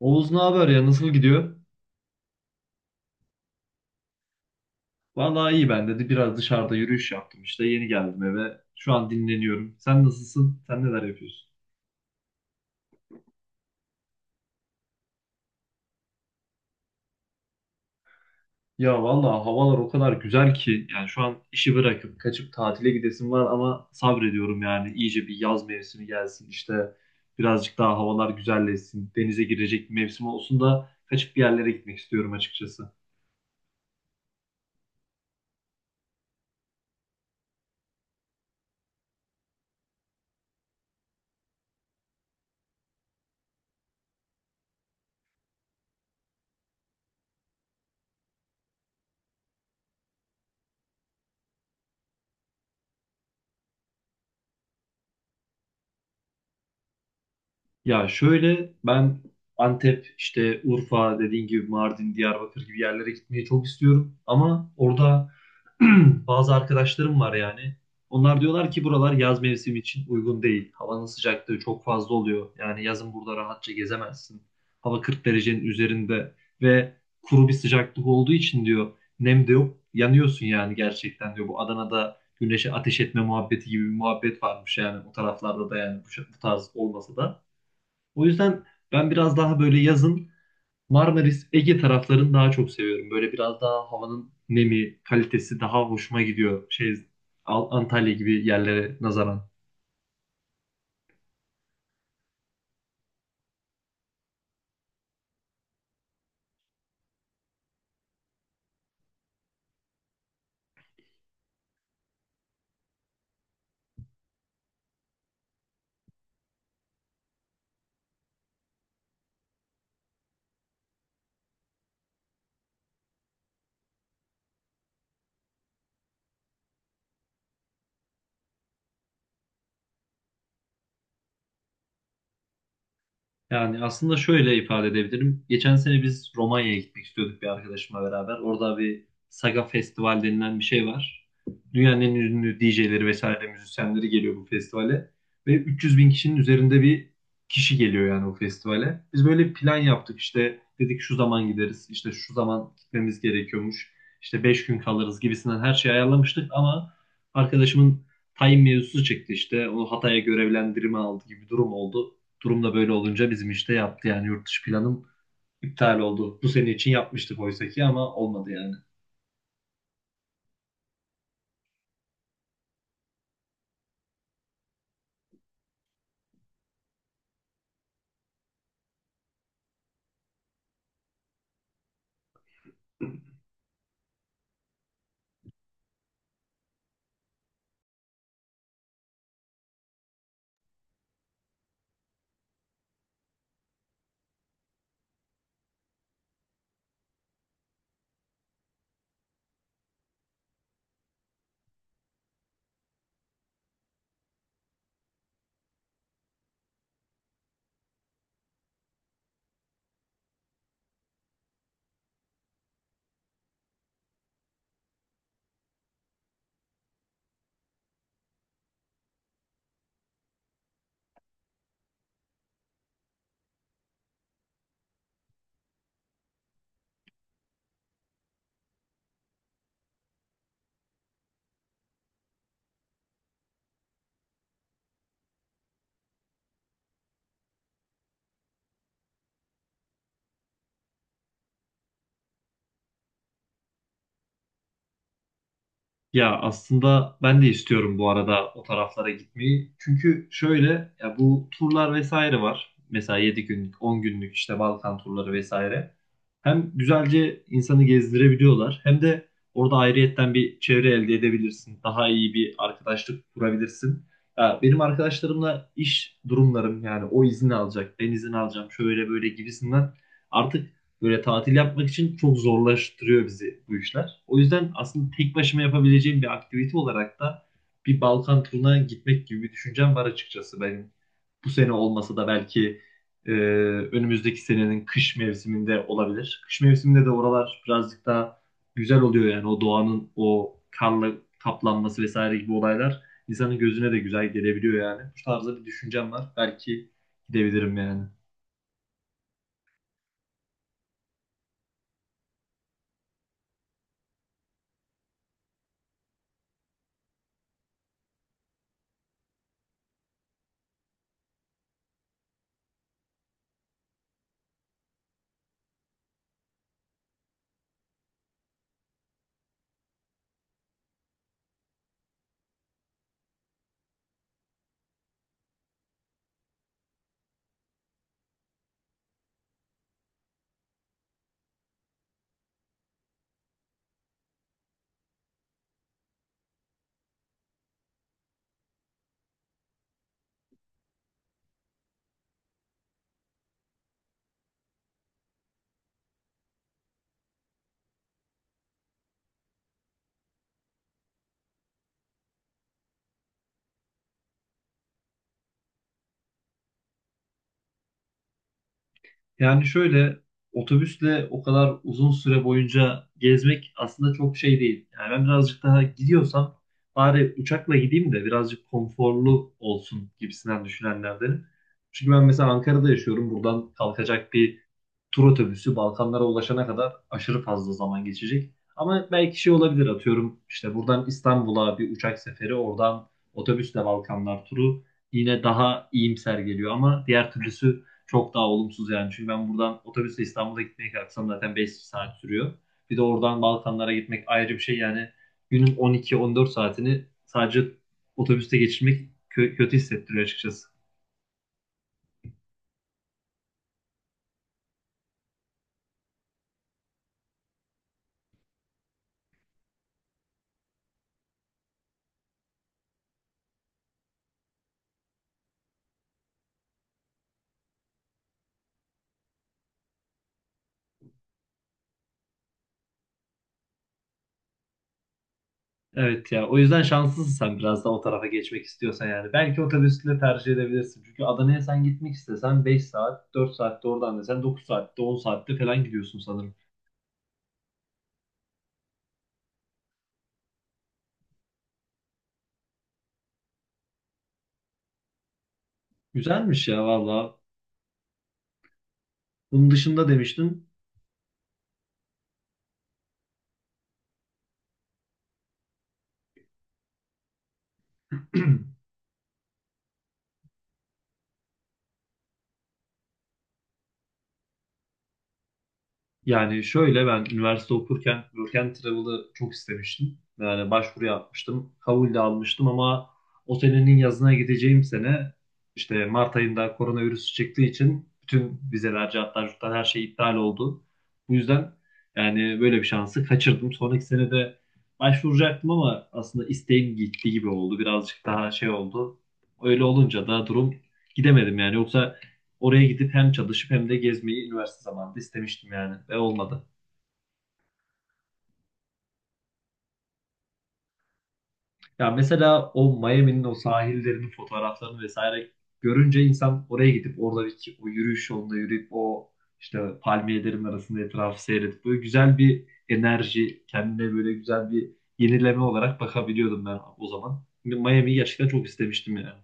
Oğuz ne haber ya, nasıl gidiyor? Vallahi iyi ben dedi. Biraz dışarıda yürüyüş yaptım işte. Yeni geldim eve. Şu an dinleniyorum. Sen nasılsın? Sen neler yapıyorsun? Ya vallahi havalar o kadar güzel ki, yani şu an işi bırakıp kaçıp tatile gidesim var ama sabrediyorum. Yani iyice bir yaz mevsimi gelsin işte, birazcık daha havalar güzelleşsin, denize girecek bir mevsim olsun da kaçıp bir yerlere gitmek istiyorum açıkçası. Ya şöyle, ben Antep, işte Urfa dediğin gibi Mardin, Diyarbakır gibi yerlere gitmeyi çok istiyorum. Ama orada bazı arkadaşlarım var yani. Onlar diyorlar ki buralar yaz mevsimi için uygun değil. Havanın sıcaklığı çok fazla oluyor. Yani yazın burada rahatça gezemezsin. Hava 40 derecenin üzerinde ve kuru bir sıcaklık olduğu için diyor, nem de yok. Yanıyorsun yani gerçekten diyor. Bu Adana'da güneşe ateş etme muhabbeti gibi bir muhabbet varmış yani o taraflarda da, yani bu tarz olmasa da. O yüzden ben biraz daha böyle yazın Marmaris, Ege taraflarını daha çok seviyorum. Böyle biraz daha havanın nemi, kalitesi daha hoşuma gidiyor. Antalya gibi yerlere nazaran. Yani aslında şöyle ifade edebilirim. Geçen sene biz Romanya'ya gitmek istiyorduk, bir arkadaşımla beraber. Orada bir Saga Festival denilen bir şey var. Dünyanın en ünlü DJ'leri vesaire müzisyenleri geliyor bu festivale. Ve 300 bin kişinin üzerinde bir kişi geliyor yani o festivale. Biz böyle plan yaptık, işte dedik şu zaman gideriz, işte şu zaman gitmemiz gerekiyormuş, işte 5 gün kalırız gibisinden her şeyi ayarlamıştık, ama arkadaşımın tayin mevzusu çıktı işte. Onu Hatay'a görevlendirme aldı gibi bir durum oldu. Durumda böyle olunca bizim işte yaptı, yani yurt dışı planım iptal oldu. Bu sene için yapmıştık oysa ki, ama olmadı yani. Ya aslında ben de istiyorum bu arada o taraflara gitmeyi. Çünkü şöyle, ya bu turlar vesaire var. Mesela 7 günlük, 10 günlük işte Balkan turları vesaire. Hem güzelce insanı gezdirebiliyorlar, hem de orada ayrıyetten bir çevre elde edebilirsin. Daha iyi bir arkadaşlık kurabilirsin. Ya benim arkadaşlarımla iş durumlarım, yani o izni alacak, ben izin alacağım şöyle böyle gibisinden, artık böyle tatil yapmak için çok zorlaştırıyor bizi bu işler. O yüzden aslında tek başıma yapabileceğim bir aktivite olarak da bir Balkan turuna gitmek gibi bir düşüncem var açıkçası benim. Bu sene olmasa da belki e, önümüzdeki senenin kış mevsiminde olabilir. Kış mevsiminde de oralar birazcık daha güzel oluyor, yani o doğanın o karla kaplanması vesaire gibi olaylar insanın gözüne de güzel gelebiliyor yani. Bu tarzda bir düşüncem var. Belki gidebilirim yani. Yani şöyle, otobüsle o kadar uzun süre boyunca gezmek aslında çok şey değil. Yani ben birazcık daha gidiyorsam bari uçakla gideyim de birazcık konforlu olsun gibisinden düşünenlerdenim. Çünkü ben mesela Ankara'da yaşıyorum. Buradan kalkacak bir tur otobüsü Balkanlara ulaşana kadar aşırı fazla zaman geçecek. Ama belki şey olabilir, atıyorum işte buradan İstanbul'a bir uçak seferi, oradan otobüsle Balkanlar turu yine daha iyimser geliyor, ama diğer türlüsü çok daha olumsuz yani. Çünkü ben buradan otobüsle İstanbul'a gitmeye kalksam zaten 5 saat sürüyor. Bir de oradan Balkanlara gitmek ayrı bir şey yani. Günün 12-14 saatini sadece otobüste geçirmek kötü hissettiriyor açıkçası. Evet ya, o yüzden şanslısın sen, biraz da o tarafa geçmek istiyorsan yani. Belki otobüsle tercih edebilirsin. Çünkü Adana'ya sen gitmek istesen 5 saat, 4 saatte, oradan desen 9 saatte, 10 saatte falan gidiyorsun sanırım. Güzelmiş ya valla. Bunun dışında demiştin. Yani şöyle, ben üniversite okurken Work and Travel'ı çok istemiştim. Yani başvuru yapmıştım. Kabul de almıştım ama o senenin yazına gideceğim sene işte Mart ayında koronavirüs çıktığı için bütün vizeler, cartlar, curtlar her şey iptal oldu. Bu yüzden yani böyle bir şansı kaçırdım. Sonraki sene de başvuracaktım ama aslında isteğim gitti gibi oldu. Birazcık daha şey oldu. Öyle olunca da durum gidemedim yani. Yoksa oraya gidip hem çalışıp hem de gezmeyi üniversite zamanında istemiştim yani, ve olmadı. Ya mesela o Miami'nin o sahillerinin fotoğraflarını vesaire görünce, insan oraya gidip oradaki o yürüyüş yolunda yürüyüp o işte palmiyelerin arasında etrafı seyredip böyle güzel bir enerji, kendine böyle güzel bir yenileme olarak bakabiliyordum ben o zaman. Miami'yi gerçekten çok istemiştim yani.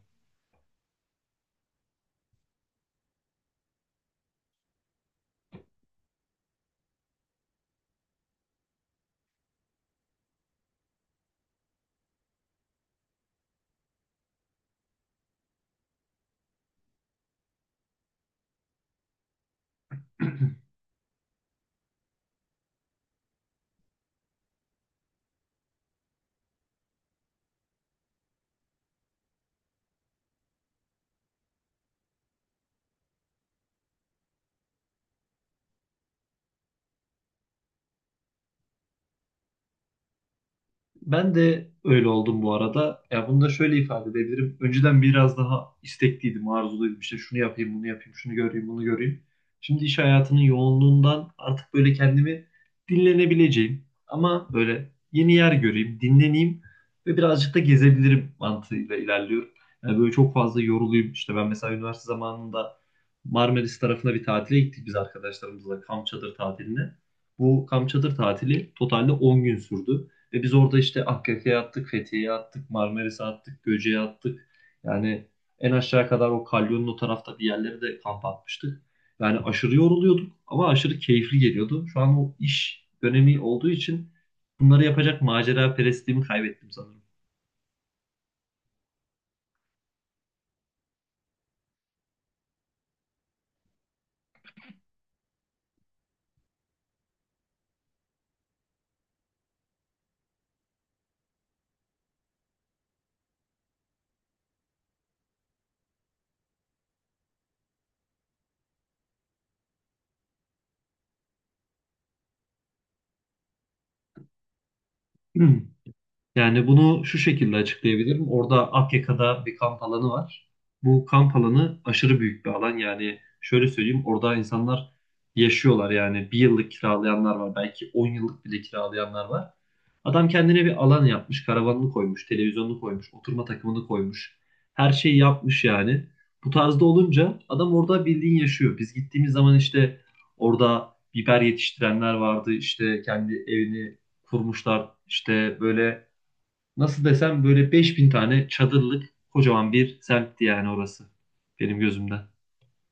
Ben de öyle oldum bu arada. Ya bunu da şöyle ifade edebilirim. Önceden biraz daha istekliydim, arzuluydum. İşte şunu yapayım, bunu yapayım, şunu göreyim, bunu göreyim. Şimdi iş hayatının yoğunluğundan artık böyle kendimi dinlenebileceğim. Ama böyle yeni yer göreyim, dinleneyim ve birazcık da gezebilirim mantığıyla ilerliyorum. Yani böyle çok fazla yoruluyum. İşte ben mesela üniversite zamanında Marmaris tarafına bir tatile gittik biz arkadaşlarımızla, kamp çadır tatiline. Bu kamp çadır tatili totalde 10 gün sürdü. Ve biz orada işte Akkaya'ya attık, Fethiye'ye attık, Marmaris'e attık, Göce'ye attık. Yani en aşağı kadar o kalyonun o tarafta bir yerlere de kamp atmıştık. Yani aşırı yoruluyorduk ama aşırı keyifli geliyordu. Şu an o iş dönemi olduğu için bunları yapacak macera perestliğimi kaybettim sanırım. Yani bunu şu şekilde açıklayabilirim. Orada Akyaka'da bir kamp alanı var. Bu kamp alanı aşırı büyük bir alan. Yani şöyle söyleyeyim, orada insanlar yaşıyorlar. Yani bir yıllık kiralayanlar var. Belki 10 yıllık bile kiralayanlar var. Adam kendine bir alan yapmış. Karavanını koymuş, televizyonunu koymuş, oturma takımını koymuş. Her şeyi yapmış yani. Bu tarzda olunca adam orada bildiğin yaşıyor. Biz gittiğimiz zaman işte orada biber yetiştirenler vardı. İşte kendi evini kurmuşlar. İşte böyle, nasıl desem, böyle 5.000 tane çadırlık kocaman bir semtti yani orası, benim gözümden.